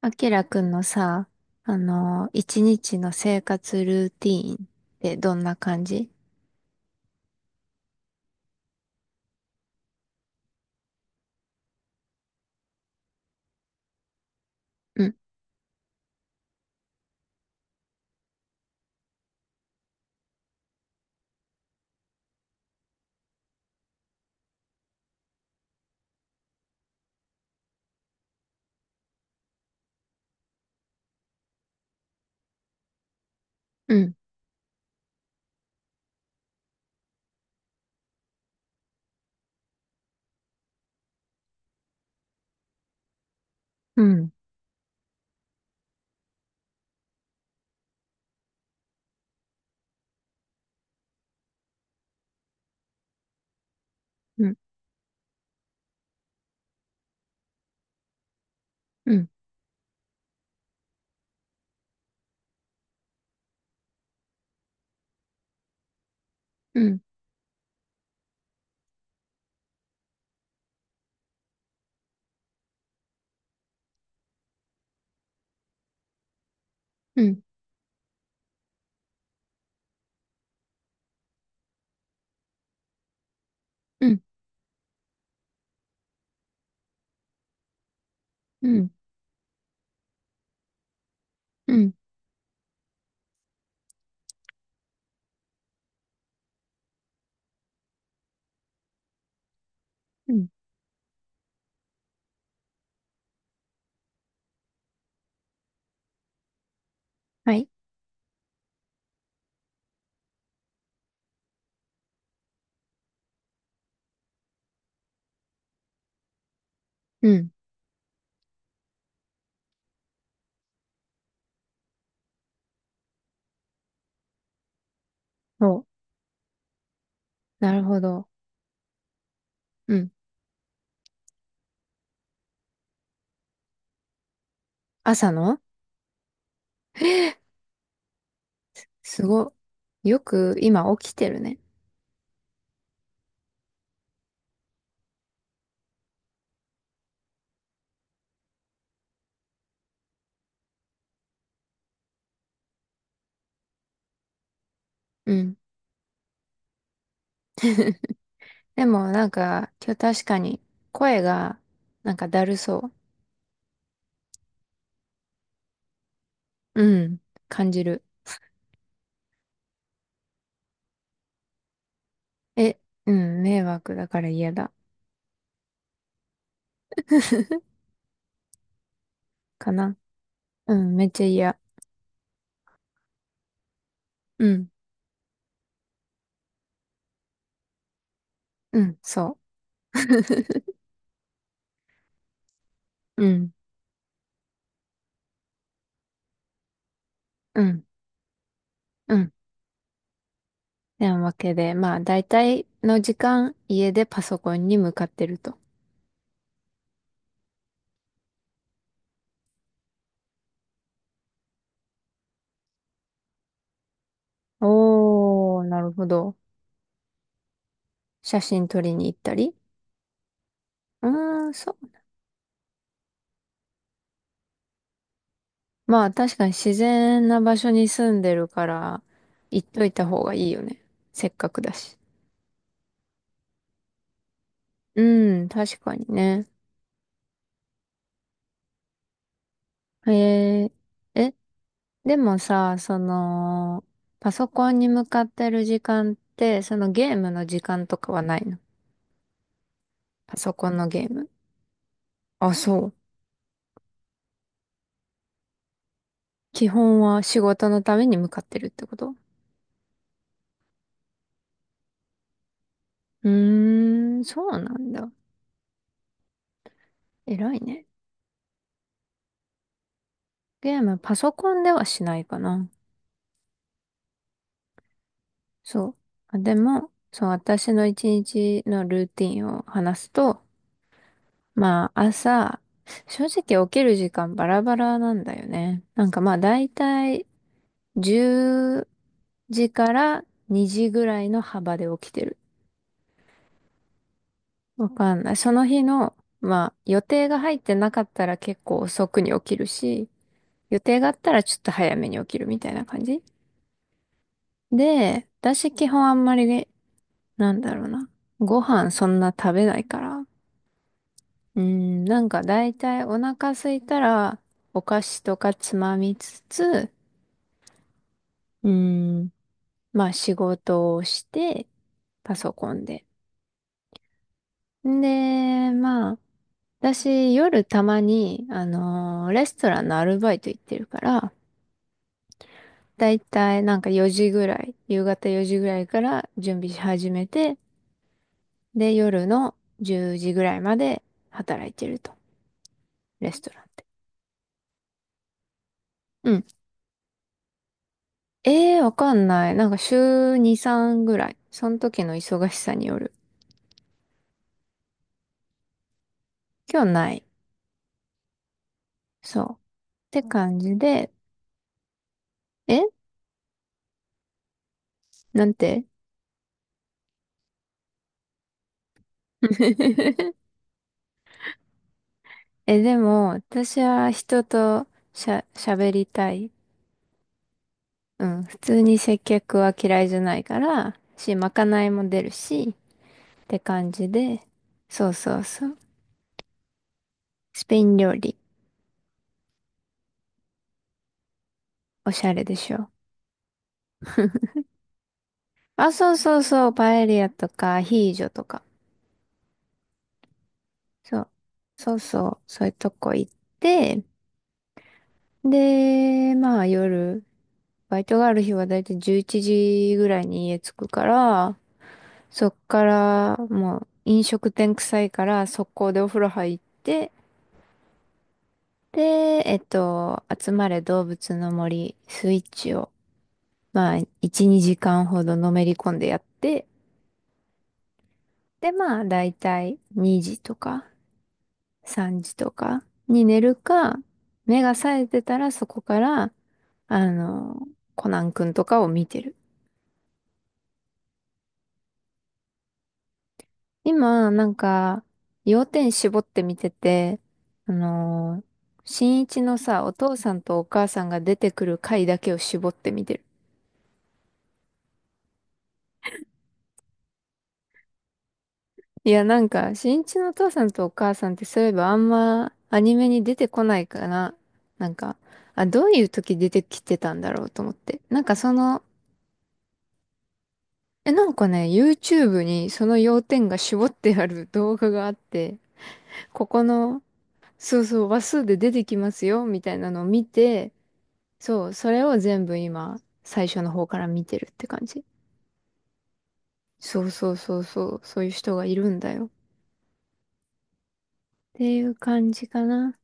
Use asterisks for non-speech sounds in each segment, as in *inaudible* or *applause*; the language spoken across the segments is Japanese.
あきらくんのさ、一日の生活ルーティーンってどんな感じ？うん。うん。うん。うん。うん。うん。うん。うん。うん。うん。うん。はい。うん。お、なるほど。うん、朝の？すご、よく今起きてるね。うん。*laughs* でもなんか、今日確かに声がなんかだるそう。うん、感じる。え、うん、迷惑だから嫌だ。*laughs* かな。うん、めっちゃ嫌。うん。うん、そう。うん。うん。うん。てなわけで、まあ、大体の時間、家でパソコンに向かってると。おー、なるほど。写真撮りに行ったり。うーん、そう。まあ、確かに自然な場所に住んでるから、行っといた方がいいよね。せっかくだし。うん、確かにね。へえ。え、でもさ、パソコンに向かってる時間って、そのゲームの時間とかはないの？パソコンのゲーム。あ、そう。基本は仕事のために向かってるってこと？うーん、そうなんだ。偉いね。ゲーム、パソコンではしないかな。そう。あでも、そう、私の一日のルーティンを話すと、まあ、朝、正直起きる時間バラバラなんだよね。なんかまあ、だいたい10時から2時ぐらいの幅で起きてる。わかんない。その日の、まあ、予定が入ってなかったら結構遅くに起きるし、予定があったらちょっと早めに起きるみたいな感じで、私基本あんまりね、なんだろうな。ご飯そんな食べないから。うん、なんかだいたいお腹空いたらお菓子とかつまみつつ、うん、まあ仕事をして、パソコンで。で、まあ、私夜たまに、レストランのアルバイト行ってるから、だいたいなんか4時ぐらい、夕方4時ぐらいから準備し始めて、で、夜の10時ぐらいまで働いてると。レストランで。うん。わかんない。なんか週2、3ぐらい。その時の忙しさによる。今日ない。そう。って感じで、えなんて。 *laughs* え、でも、私は人と喋りたい。うん。普通に接客は嫌いじゃないから、し、まかないも出るし、って感じで、そうそうそう。スペイン料理、おしゃれでしょ。あ、そうそうそう、パエリアとかアヒージョとか。そう。そうそう、そういうとこ行って、で、まあ夜、バイトがある日はだいたい11時ぐらいに家着くから、そっからもう飲食店臭いから速攻でお風呂入って、で、集まれ動物の森スイッチを、まあ1、2時間ほどのめり込んでやって、で、まあだいたい2時とか。3時とかに寝るか、目が冴えてたらそこから、あの、コナンくんとかを見てる。今、なんか、要点絞って見てて、あのー、新一のさ、お父さんとお母さんが出てくる回だけを絞って見てる。いや、なんか、新一のお父さんとお母さんってそういえばあんまアニメに出てこないかな。なんか、あ、どういう時出てきてたんだろうと思って。なんかその。え、なんかね、YouTube にその要点が絞ってある動画があって、ここの、そうそう、話数で出てきますよ、みたいなのを見て、そう、それを全部今、最初の方から見てるって感じ。そうそうそうそう、そういう人がいるんだよ。っていう感じかな。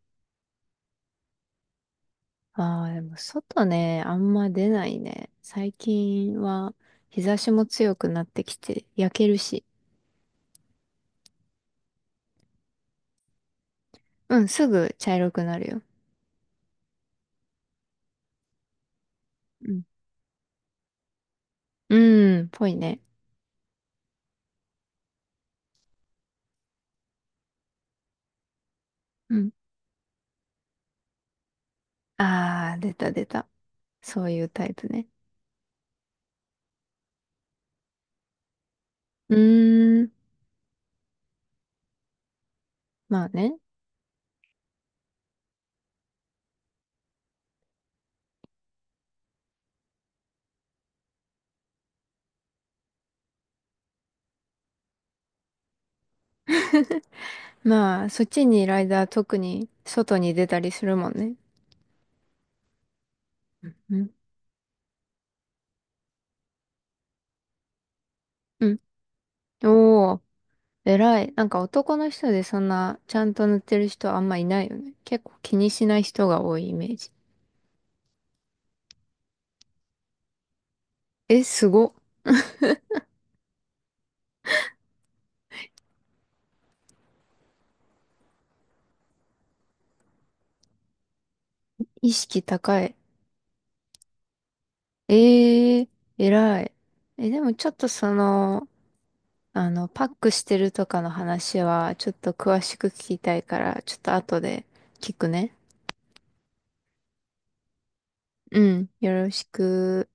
ああ、でも外ね、あんま出ないね。最近は日差しも強くなってきて、焼けるし。うん、すぐ茶色くなるよ。うん。うん、ぽいね。うん。ああ、出た出た。そういうタイプね。うーん。まあね。まあ、そっちにいる間は特に外に出たりするもんね。うん。うん。おお。偉い。なんか男の人でそんなちゃんと塗ってる人あんまいないよね。結構気にしない人が多いイメージ。え、すご。意識高い。ええ。偉い。え、でもちょっとパックしてるとかの話はちょっと詳しく聞きたいから、ちょっと後で聞くね。うん。よろしく。